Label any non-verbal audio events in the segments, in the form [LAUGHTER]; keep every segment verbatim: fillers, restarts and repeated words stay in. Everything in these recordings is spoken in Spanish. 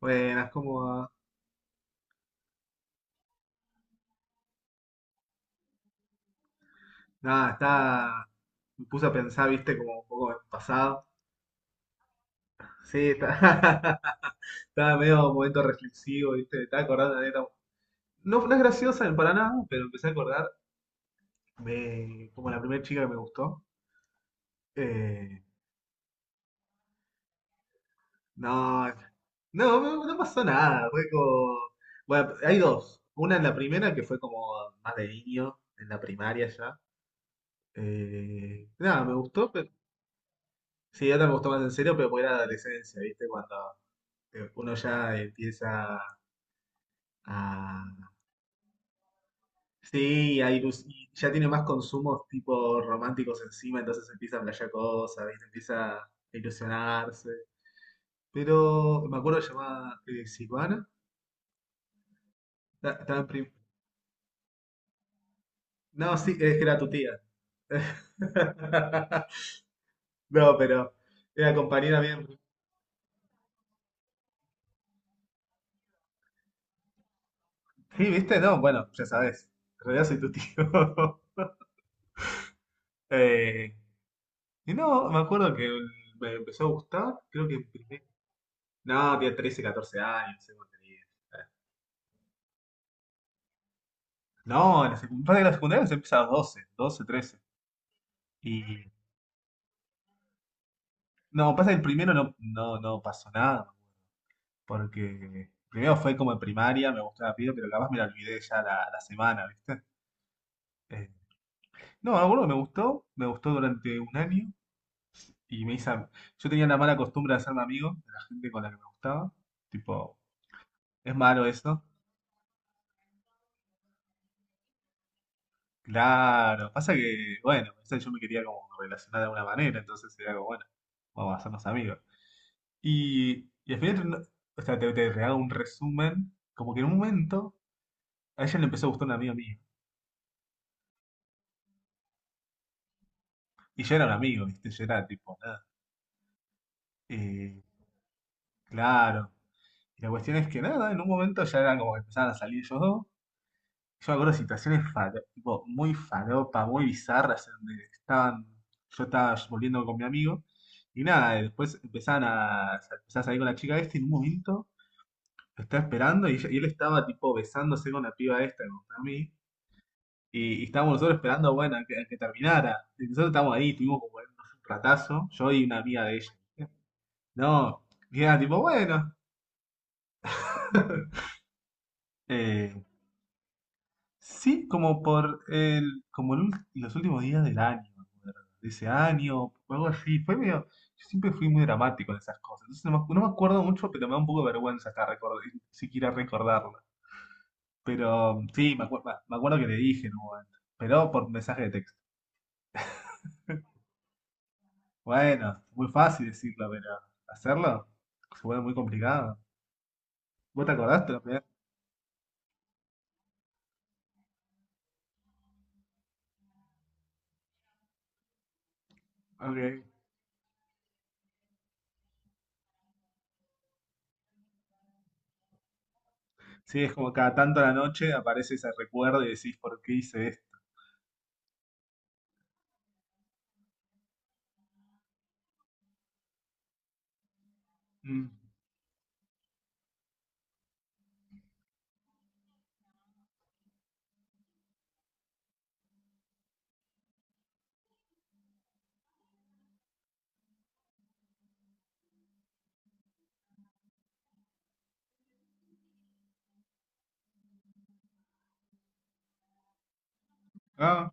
Buenas, ¿cómo va? Nada, está. Me puse a pensar, viste, como un poco en el pasado. Sí, está. [LAUGHS] Estaba medio momento reflexivo, viste, me estaba acordando de neta. No, no es graciosa para nada, pero empecé a acordar de como la primera chica que me gustó. Eh, no, no, no, no pasó nada. Fue como. Bueno, hay dos. Una en la primera que fue como más de niño, en la primaria ya. Eh, nada, me gustó, pero. Sí, otra me gustó más en serio, pero porque era adolescencia, ¿viste? Cuando eh, uno ya empieza a... Sí, a ilus- y ya tiene más consumos tipo románticos encima, entonces empieza a playar cosas, ¿viste? Empieza a ilusionarse. Pero me acuerdo que se llamaba eh, Silvana. Ta- estaba en prim- No, sí, es que era tu tía. [LAUGHS] No, pero era compañera bien. Sí, ¿viste? No, bueno, ya sabes. En realidad soy tu tío. [LAUGHS] Eh, y no, me acuerdo que me empezó a gustar, creo que en primer No, tiene trece, catorce años, no sé cuánto tenía. No, en la secu- pasa que la secundaria se empieza a los doce 12, trece. Y no, pasa que el primero no, no, no pasó nada, porque primero fue como en primaria, me gustó la piba, pero capaz me la olvidé ya la, la semana, ¿viste? Eh, no, me acuerdo que me gustó, me gustó durante un año y me hice... am- Yo tenía la mala costumbre de hacerme amigo de la gente con la que me gustaba. Tipo, es malo eso. Claro, pasa que, bueno, o sea, yo me quería como relacionar de alguna manera, entonces era como, bueno, vamos a hacernos amigos. Y, y al final, no- o sea, te, te hago un resumen, como que en un momento a ella le empezó a gustar un amigo mío. Y yo era un amigo, ¿viste? Yo era tipo, nada. eh, claro. Y la cuestión es que nada, en un momento ya era como que empezaban a salir ellos dos. Yo me acuerdo de situaciones faro- tipo, muy faropa, muy bizarras, en donde estaban, yo estaba volviendo con mi amigo, y nada, y después empezaban a, empezaba a salir con la chica esta, y en un momento lo estaba esperando, y, ella- y él estaba tipo besándose con la piba esta, con a mí, y, y estábamos nosotros esperando, bueno, a que, a que terminara. Y nosotros estábamos ahí, tuvimos como un ratazo, yo y una amiga de ella. No, y era tipo, bueno. [LAUGHS] Eh, Sí, como por el, como el ul- los últimos días del año, me acuerdo, de ese año, o algo así. Fue medio, yo siempre fui muy dramático en esas cosas. Entonces no me, acu- no me acuerdo mucho, pero me da un poco de vergüenza acá recordar, siquiera recordarlo. Pero sí, me, acuer- me acuerdo que le dije en un momento, pero por mensaje de texto. Bueno, muy fácil decirlo, pero hacerlo se vuelve muy complicado. ¿Vos te acordaste? La primera- Ok. Sí, es como cada tanto a la noche aparece ese recuerdo y decís, ¿por qué hice esto? Mm. Ah,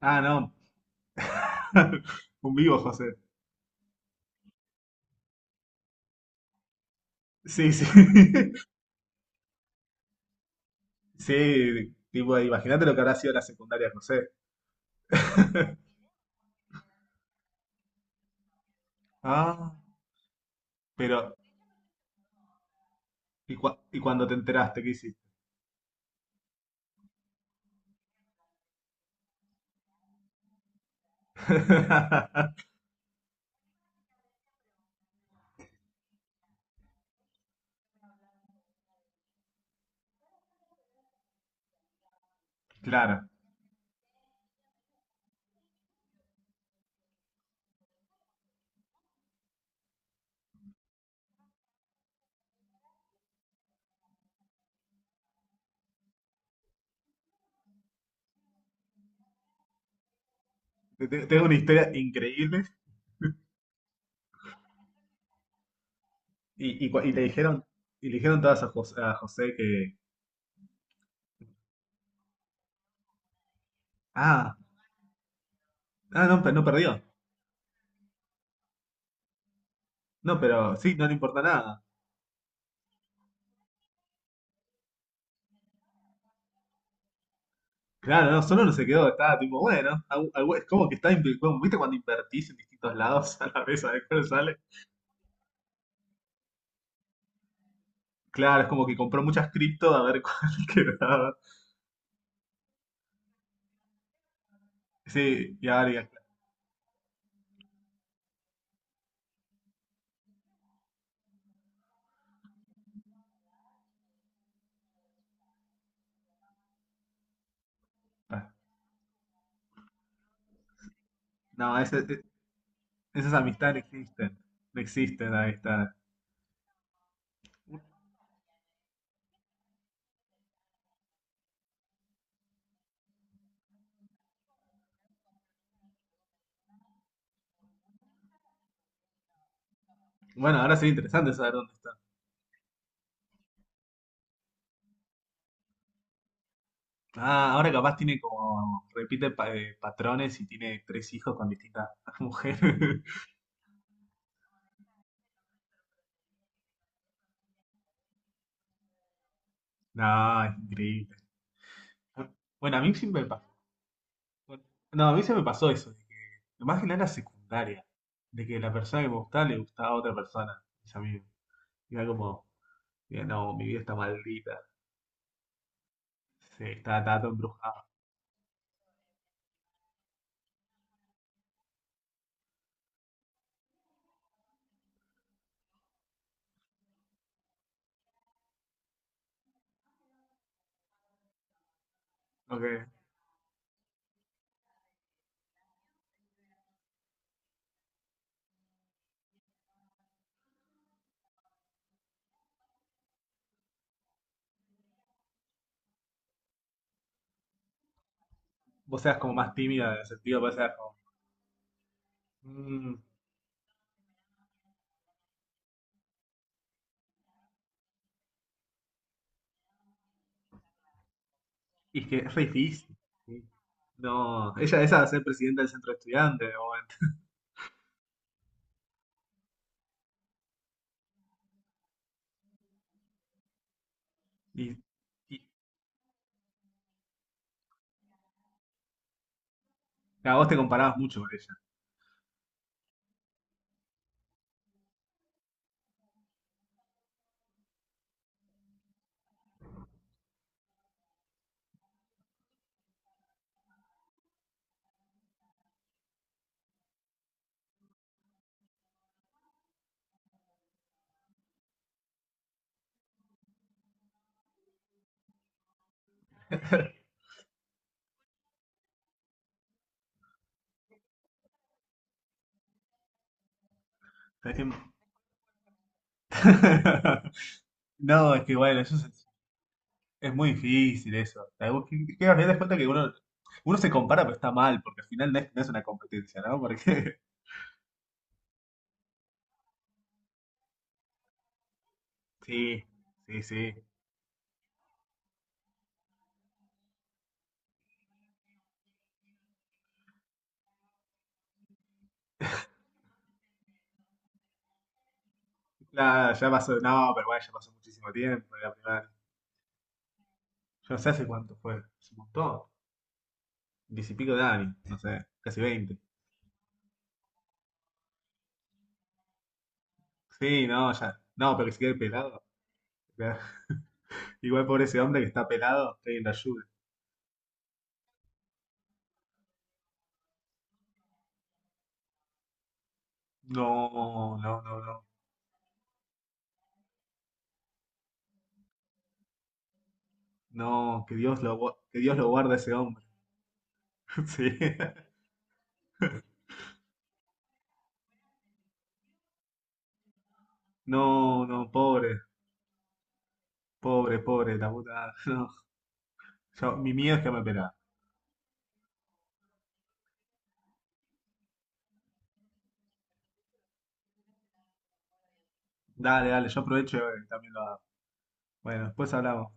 ah, no. [LAUGHS] Un vivo, José. Sí, sí. [LAUGHS] Sí, tipo, imagínate lo que habrá sido la secundaria, José. [LAUGHS] Ah, pero, ¿y, cua- y cuando te enteraste, qué hiciste? [LAUGHS] Claro. Te- te- Tengo una historia increíble. Y, y, cua- y le dijeron, y le dijeron todas a José, a José que, ah, ah, no, pe- no perdió. No, pero sí, no le importa nada. Claro, no, solo no se quedó, estaba tipo, bueno, algo- algo- es como que está, inv- como, ¿viste cuando invertís en distintos lados [LAUGHS] a la vez a ver cuál sale? Claro, es como que compró muchas cripto a ver cuál [LAUGHS] quedaba. Sí, y ahora ya- ah, no, ese- e- esas amistades no existen. No existen las amistades. Bueno, ahora sería interesante saber dónde está. Ah, ahora capaz tiene como, repite pa- eh, patrones y tiene tres hijos con distintas [LAUGHS] mujeres. No, es increíble. Bueno, a mí sí me pasó. Bueno, no, a mí se me pasó eso, de que, más que nada en la secundaria, de que la persona que me gustaba le gustaba a otra persona, mis amigos. Y era como, mira, no, mi vida está maldita. Sí, estaba, estaba todo embrujado. Ok. Vos seas como más tímida en el sentido, vos seas como. "Mm". Y es que es re difícil. Sí. No, ella esa va a ser presidenta del centro de estudiantes de momento. Y, y a vos te comparabas mucho con ella. [LAUGHS] Tenés que- [LAUGHS] No, es que bueno, eso es, es muy difícil eso. O sea, vos que- que al final te das cuenta que uno, uno se compara, pero está mal, porque al final no es, no es una competencia, ¿no? Porque [LAUGHS] sí, sí, sí. Nada, ya pasó, no, pero bueno, ya pasó muchísimo tiempo de la primera. Yo no sé hace cuánto fue. Hace un montón. Diez y pico de años, no sé, casi veinte. Sí, no, ya. No, pero que se quede pelado. [LAUGHS] Ya. Igual por ese hombre que está pelado, la ayuda. No, no, no, no. No, que Dios lo, gua- que Dios lo guarde a ese hombre. [LAUGHS] Sí. No, no, pobre, pobre, pobre, la puta. [LAUGHS] No. Yo, mi miedo es que me pelado. Dale, dale, yo aprovecho y también lo hago. Bueno, después hablamos.